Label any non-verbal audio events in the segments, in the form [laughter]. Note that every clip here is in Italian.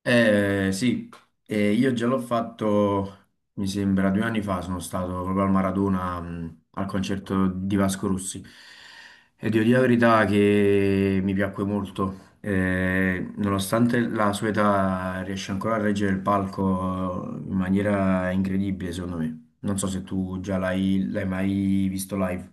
Eh, sì, io già l'ho fatto, mi sembra, due anni fa sono stato proprio al Maradona, al concerto di Vasco Rossi e devo dire la verità che mi piacque molto. Nonostante la sua età riesce ancora a reggere il palco in maniera incredibile, secondo me. Non so se tu già l'hai mai visto live.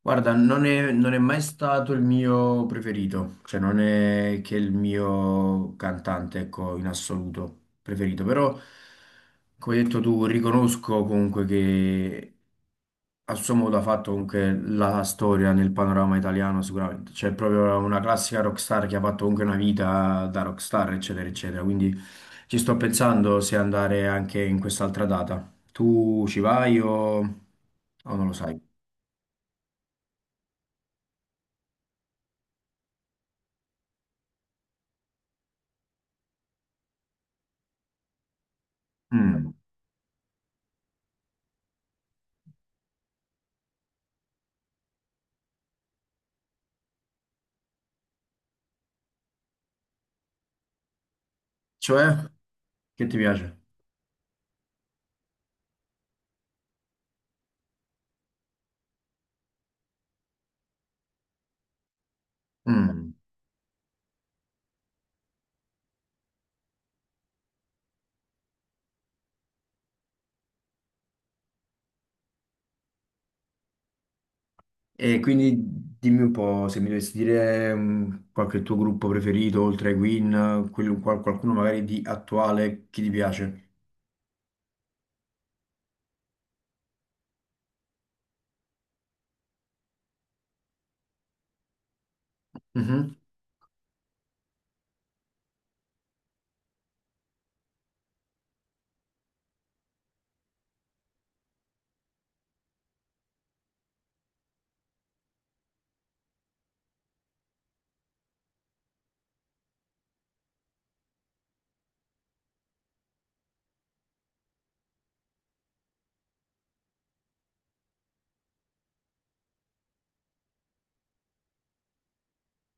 Guarda, non è mai stato il mio preferito, cioè non è che il mio cantante, ecco, in assoluto preferito, però come hai detto tu, riconosco comunque che a suo modo ha fatto comunque la storia nel panorama italiano sicuramente, cioè è proprio una classica rockstar che ha fatto comunque una vita da rockstar, eccetera, eccetera, quindi ci sto pensando se andare anche in quest'altra data. Tu ci vai o non lo sai? Mm. Cioè? Che ti piace? Mm. E quindi dimmi un po' se mi dovessi dire qualche tuo gruppo preferito, oltre ai Queen, qualcuno magari di attuale che ti piace. Mhm.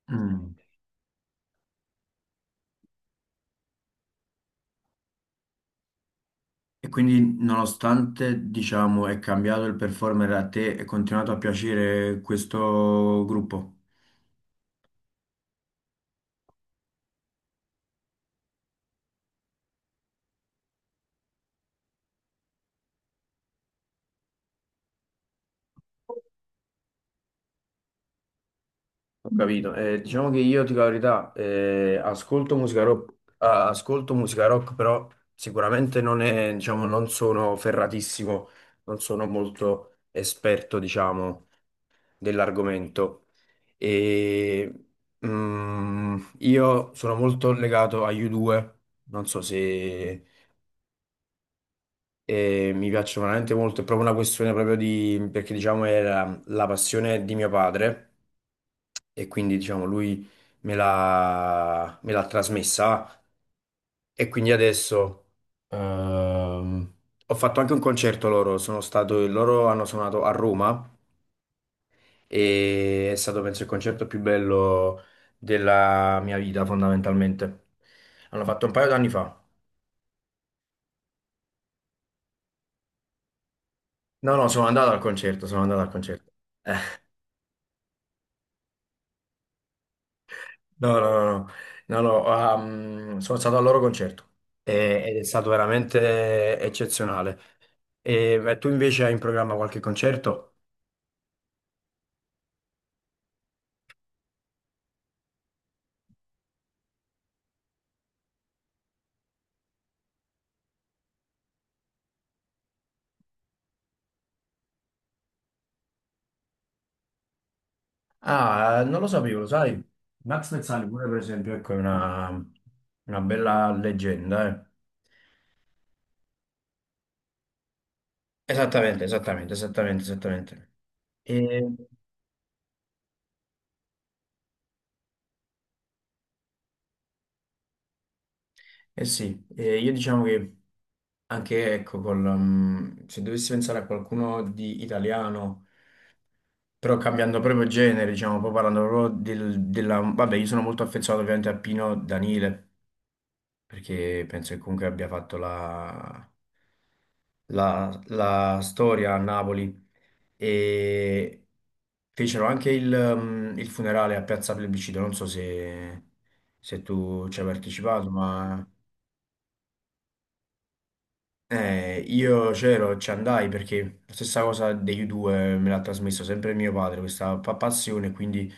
Mm. E quindi, nonostante, diciamo, è cambiato il performer a te, è continuato a piacere questo gruppo? Ho capito. Diciamo che io, ti dico la verità, ascolto musica rock, ah, ascolto musica rock, però sicuramente non è, diciamo, non sono ferratissimo, non sono molto esperto, diciamo, dell'argomento. E, io sono molto legato agli U2, non so se mi piacciono veramente molto, è proprio una questione proprio di, perché diciamo era la passione di mio padre e quindi diciamo lui me l'ha trasmessa e quindi adesso, ehm, ho fatto anche un concerto loro, sono stato, loro hanno suonato a Roma e è stato penso il concerto più bello della mia vita fondamentalmente. Hanno fatto un paio d'anni fa. No, no, sono andato al concerto, sono andato al concerto. No, no, no, no, no, no, sono stato al loro concerto ed è stato veramente eccezionale. E tu invece hai in programma qualche concerto? Ah, non lo sapevo, lo sai? Max Pezzali pure, per esempio, ecco, una bella leggenda, eh. Esattamente, esattamente, esattamente, esattamente. E, eh sì, io diciamo che anche, ecco, se dovessi pensare a qualcuno di italiano... Però cambiando proprio genere, diciamo, poi parlando proprio della... Vabbè, io sono molto affezionato ovviamente a Pino Danile, perché penso che comunque abbia fatto la storia a Napoli. E fecero anche il, il funerale a Piazza Plebiscito, non so se, se tu ci hai partecipato, ma... io c'ero, ci andai perché la stessa cosa degli U2 me l'ha trasmesso sempre mio padre, questa passione, quindi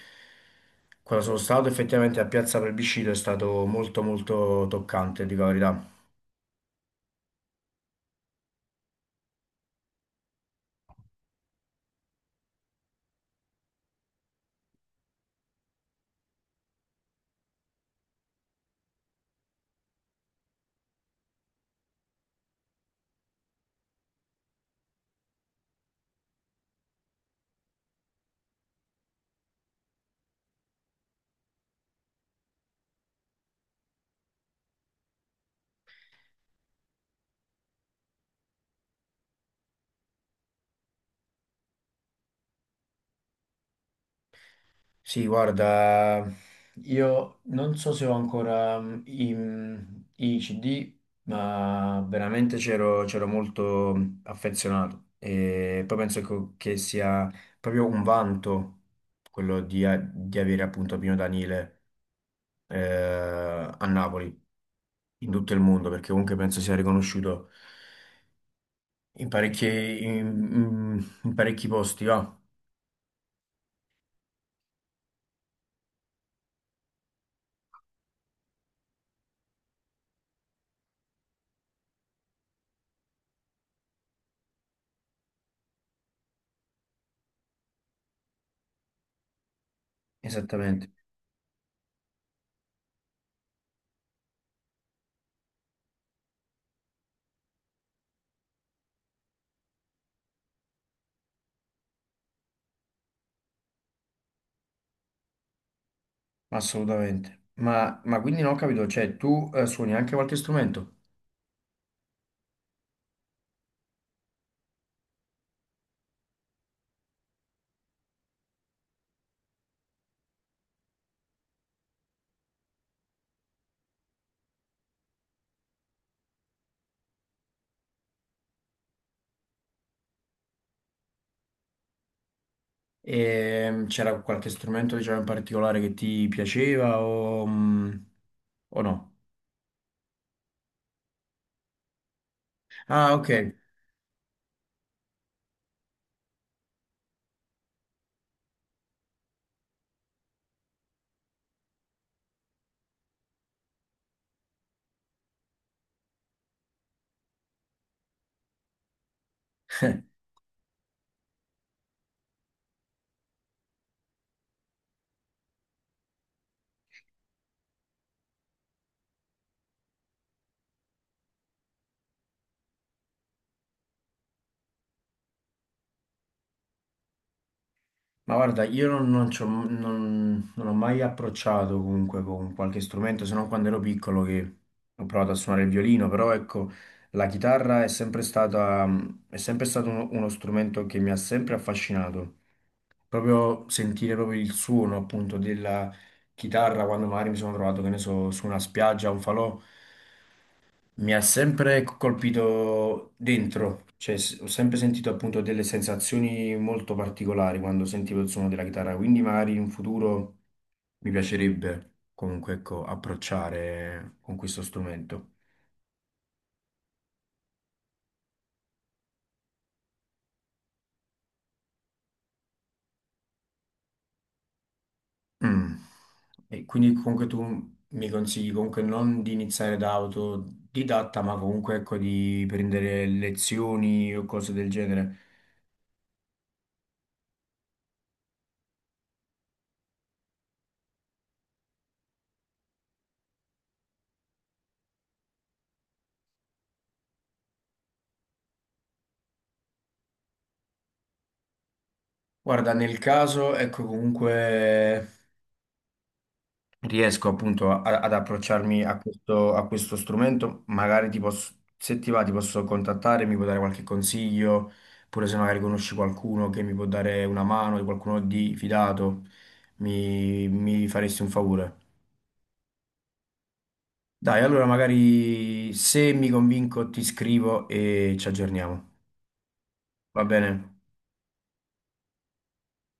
quando sono stato effettivamente a Piazza Plebiscito è stato molto molto toccante, dico la verità. Sì, guarda, io non so se ho ancora mm, i CD, ma veramente c'ero molto affezionato e poi penso che sia proprio un vanto quello di, di avere appunto Pino Daniele a Napoli, in tutto il mondo, perché comunque penso sia riconosciuto in parecchi, in parecchi posti, va? Esattamente, assolutamente. Ma quindi non ho capito, cioè tu suoni anche qualche strumento? E c'era qualche strumento, diciamo, in particolare che ti piaceva o no? Ah, ok. [laughs] Ma guarda, io non, non non ho mai approcciato comunque con qualche strumento, se non quando ero piccolo che ho provato a suonare il violino, però ecco, la chitarra è sempre stata, è sempre stato uno strumento che mi ha sempre affascinato. Proprio sentire proprio il suono appunto della chitarra quando magari mi sono trovato, che ne so, su una spiaggia, un falò. Mi ha sempre colpito dentro, cioè ho sempre sentito appunto delle sensazioni molto particolari quando sentivo il suono della chitarra, quindi magari in futuro mi piacerebbe comunque ecco, approcciare con questo strumento. Mm. E quindi comunque tu mi consigli comunque non di iniziare da autodidatta, ma comunque ecco di prendere lezioni o cose del genere. Guarda, nel caso, ecco comunque riesco appunto ad approcciarmi a questo strumento, magari ti posso, se ti va, ti posso contattare, mi puoi dare qualche consiglio, pure se magari conosci qualcuno che mi può dare una mano, di qualcuno di fidato, mi faresti un favore. Dai, allora magari se mi convinco ti scrivo e ci aggiorniamo. Va bene?